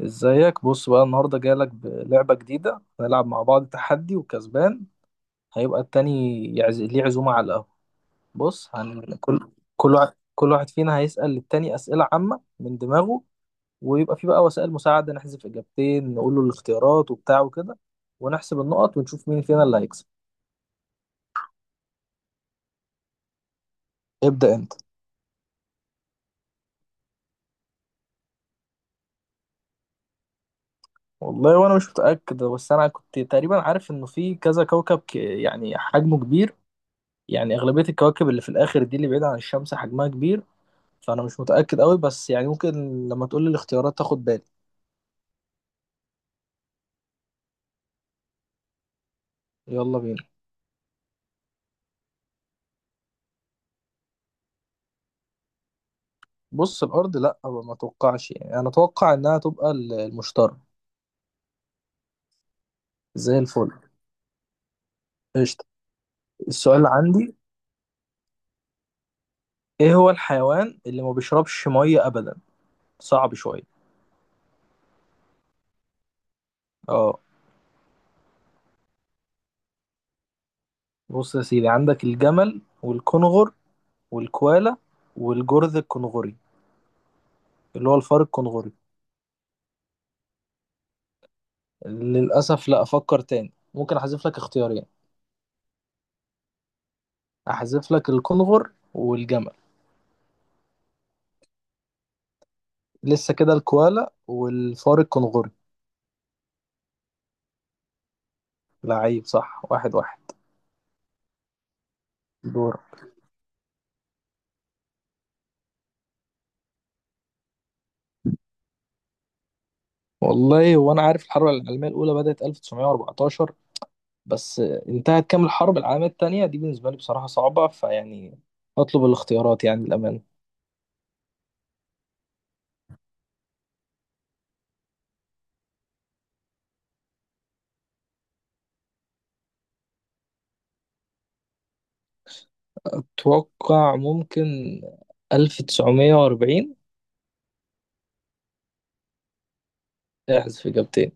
ازيك بص بقى النهارده جايلك بلعبة جديدة، هنلعب مع بعض تحدي وكسبان. هيبقى التاني ليه عزومة على القهوة. بص هن... كل كل واحد فينا هيسأل للتاني أسئلة عامة من دماغه، ويبقى في بقى وسائل مساعدة، نحذف إجابتين، نقول له الاختيارات وبتاع وكده، ونحسب النقط ونشوف مين فينا اللي هيكسب. ابدأ أنت. والله وأنا مش متأكد، بس أنا كنت تقريبا عارف إنه في كذا كوكب يعني حجمه كبير. يعني أغلبية الكواكب اللي في الآخر دي اللي بعيدة عن الشمس حجمها كبير. فانا مش متاكد قوي بس يعني ممكن. لما تقول لي الاختيارات تاخد بالي. يلا بينا. بص الارض لا، ما اتوقعش، يعني انا اتوقع انها تبقى المشتري. زي الفل. قشطه. السؤال اللي عندي: ايه هو الحيوان اللي ما بيشربش ميه ابدا؟ صعب شويه. اه. بص يا سيدي، عندك الجمل والكنغر والكوالا والجرذ الكنغري، اللي هو الفار الكنغري. للاسف لا، افكر تاني، ممكن احذف لك اختيارين. احذف لك الكنغر والجمل. لسه كده الكوالا والفار الكنغوري. لعيب صح. واحد واحد. دور. والله وانا عارف الحرب العالميه الاولى بدات 1914، بس انتهت كام الحرب العالميه الثانيه دي؟ بالنسبه لي بصراحه صعبه فيعني اطلب الاختيارات، يعني الامان. اتوقع ممكن 1940. احذف اجابتين.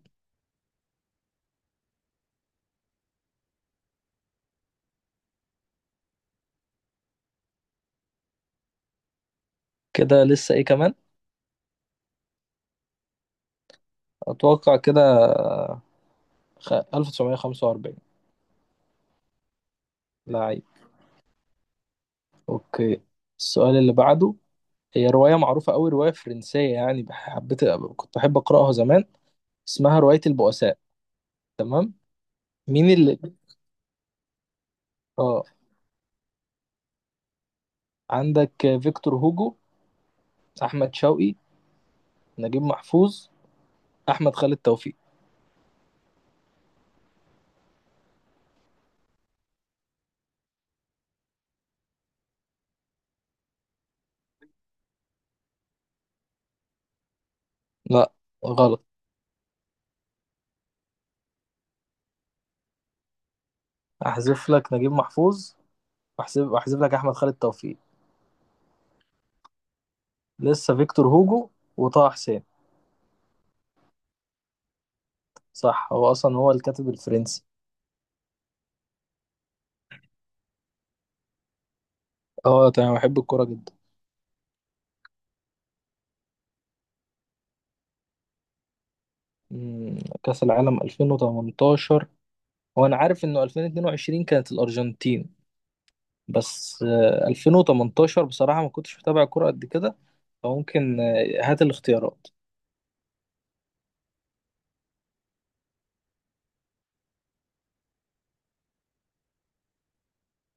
كده لسه ايه كمان؟ اتوقع كده. 1945. لعيب. اوكي. السؤال اللي بعده: هي رواية معروفة أوي، رواية فرنسية، يعني حبيت كنت بحب أقرأها زمان. اسمها رواية البؤساء. تمام. مين اللي اه عندك فيكتور هوجو، أحمد شوقي، نجيب محفوظ، أحمد خالد توفيق. لا غلط. أحذف لك نجيب محفوظ، وأحذف لك أحمد خالد توفيق. لسه فيكتور هوجو وطه حسين. صح، هو أصلا هو الكاتب الفرنسي. اه تمام، بحب الكورة جدا. كأس العالم 2018. هو أنا عارف إنه 2022 كانت الأرجنتين. بس 2018 بصراحة ما كنتش متابع كرة قد كده، فممكن. هات الاختيارات.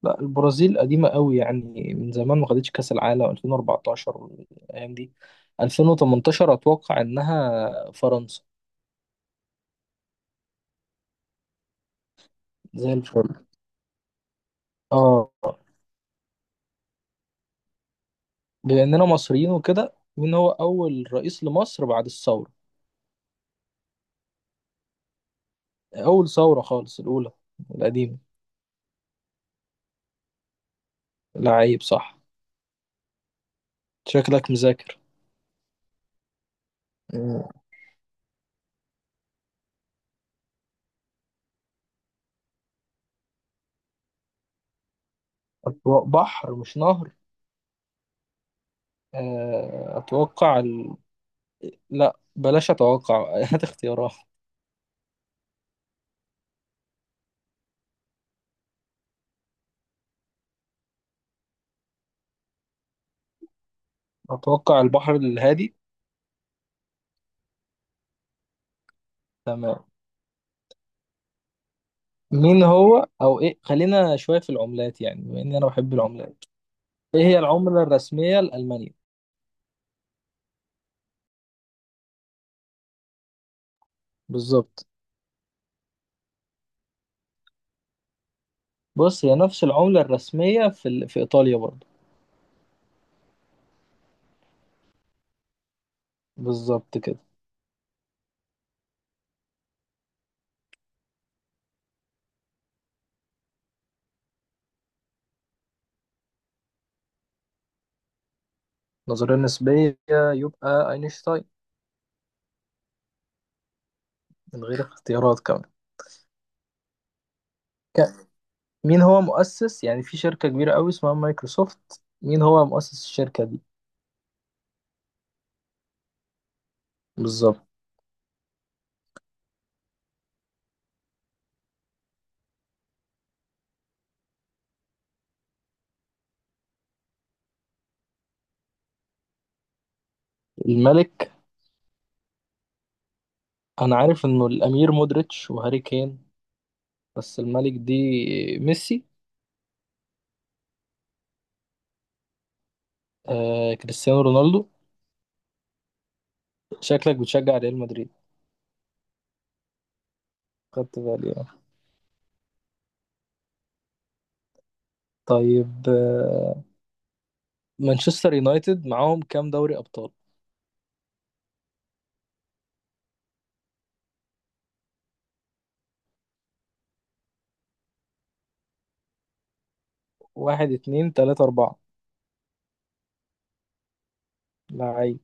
لا البرازيل قديمة قوي يعني، من زمان ما خدتش كأس العالم 2014 الأيام دي. 2018 أتوقع إنها فرنسا. زي الفل. اه. بما إننا مصريين وكده، مين هو أول رئيس لمصر بعد الثورة؟ أول ثورة خالص، الأولى القديمة. لعيب صح. شكلك مذاكر. أتوقع بحر مش نهر. أتوقع. لا بلاش اتوقع. هات اختيارات. اتوقع البحر الهادي. تمام. مين هو او ايه، خلينا شويه في العملات، يعني بما اني انا بحب العملات. ايه هي العمله الرسميه لالمانيا؟ بالظبط. بص هي نفس العمله الرسميه في في ايطاليا برضه. بالظبط كده. نظريه نسبيه، يبقى اينشتاين. من غير اختيارات كمان. ك- مين هو مؤسس، يعني في شركه كبيره قوي اسمها مايكروسوفت، مين هو مؤسس الشركه دي؟ بالظبط. الملك. انا عارف انه الامير مودريتش وهاري كين، بس الملك دي ميسي. كريستيانو رونالدو. شكلك بتشجع ريال مدريد. خدت بالي آه. طيب مانشستر يونايتد معاهم كام دوري أبطال؟ واحد اتنين تلاتة أربعة. لعيب.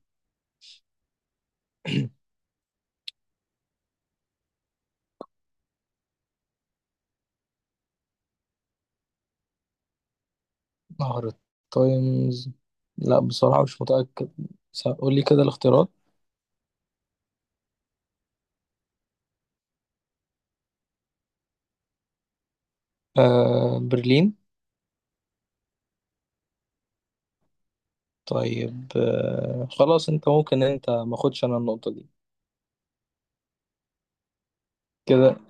مهرة. تايمز. لا بصراحة مش متأكد. قول لي كده الاختيارات. برلين. طيب خلاص، انت ممكن، انت ماخدش، انا النقطة دي. كده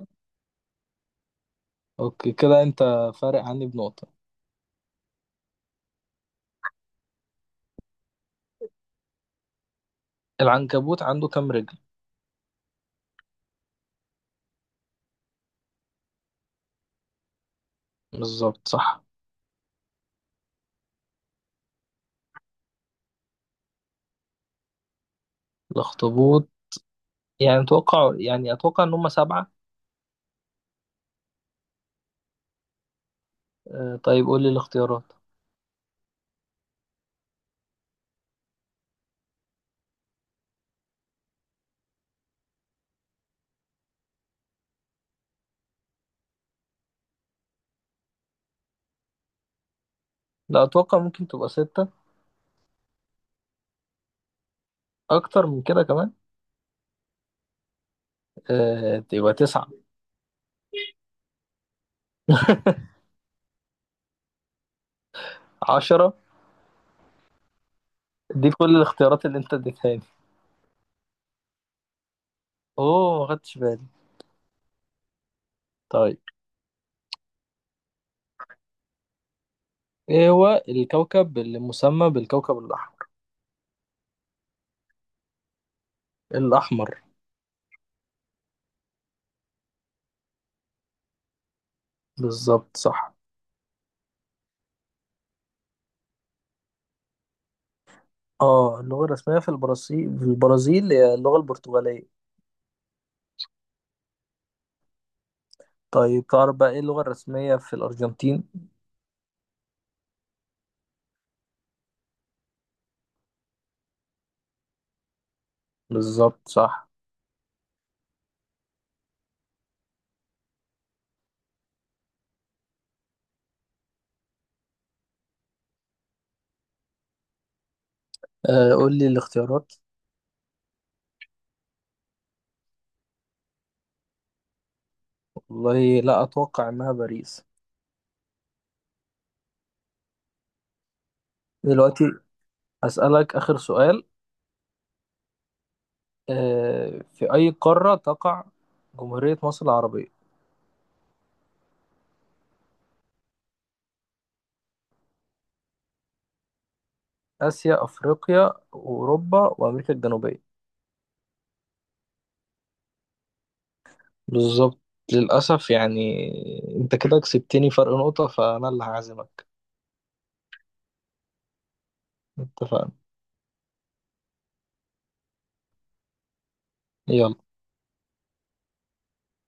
اوكي، كده انت فارق عني بنقطة. العنكبوت عنده كام رجل؟ بالظبط صح. الاخطبوط. يعني اتوقع ان هم سبعة. طيب قول لي الاختيارات. لا اتوقع ممكن تبقى ستة. اكتر من كده كمان. تبقى تسعة. عشرة. دي كل الاختيارات اللي انت اديتها لي. اوه ما خدتش بالي. طيب. ايه هو الكوكب اللي مسمى بالكوكب الاحمر؟ الاحمر. بالظبط صح. اه اللغة الرسمية في البرازيل هي اللغة البرتغالية. طيب تعرف بقى ايه اللغة الرسمية في الارجنتين؟ بالظبط صح. قول لي الاختيارات. والله لا، أتوقع إنها باريس. دلوقتي أسألك آخر سؤال. في أي قارة تقع جمهورية مصر العربية؟ آسيا، أفريقيا، أوروبا، وأمريكا الجنوبية. بالظبط. للأسف يعني. أنت كده كسبتني فرق نقطة، فأنا اللي هعزمك. اتفقنا. يلا.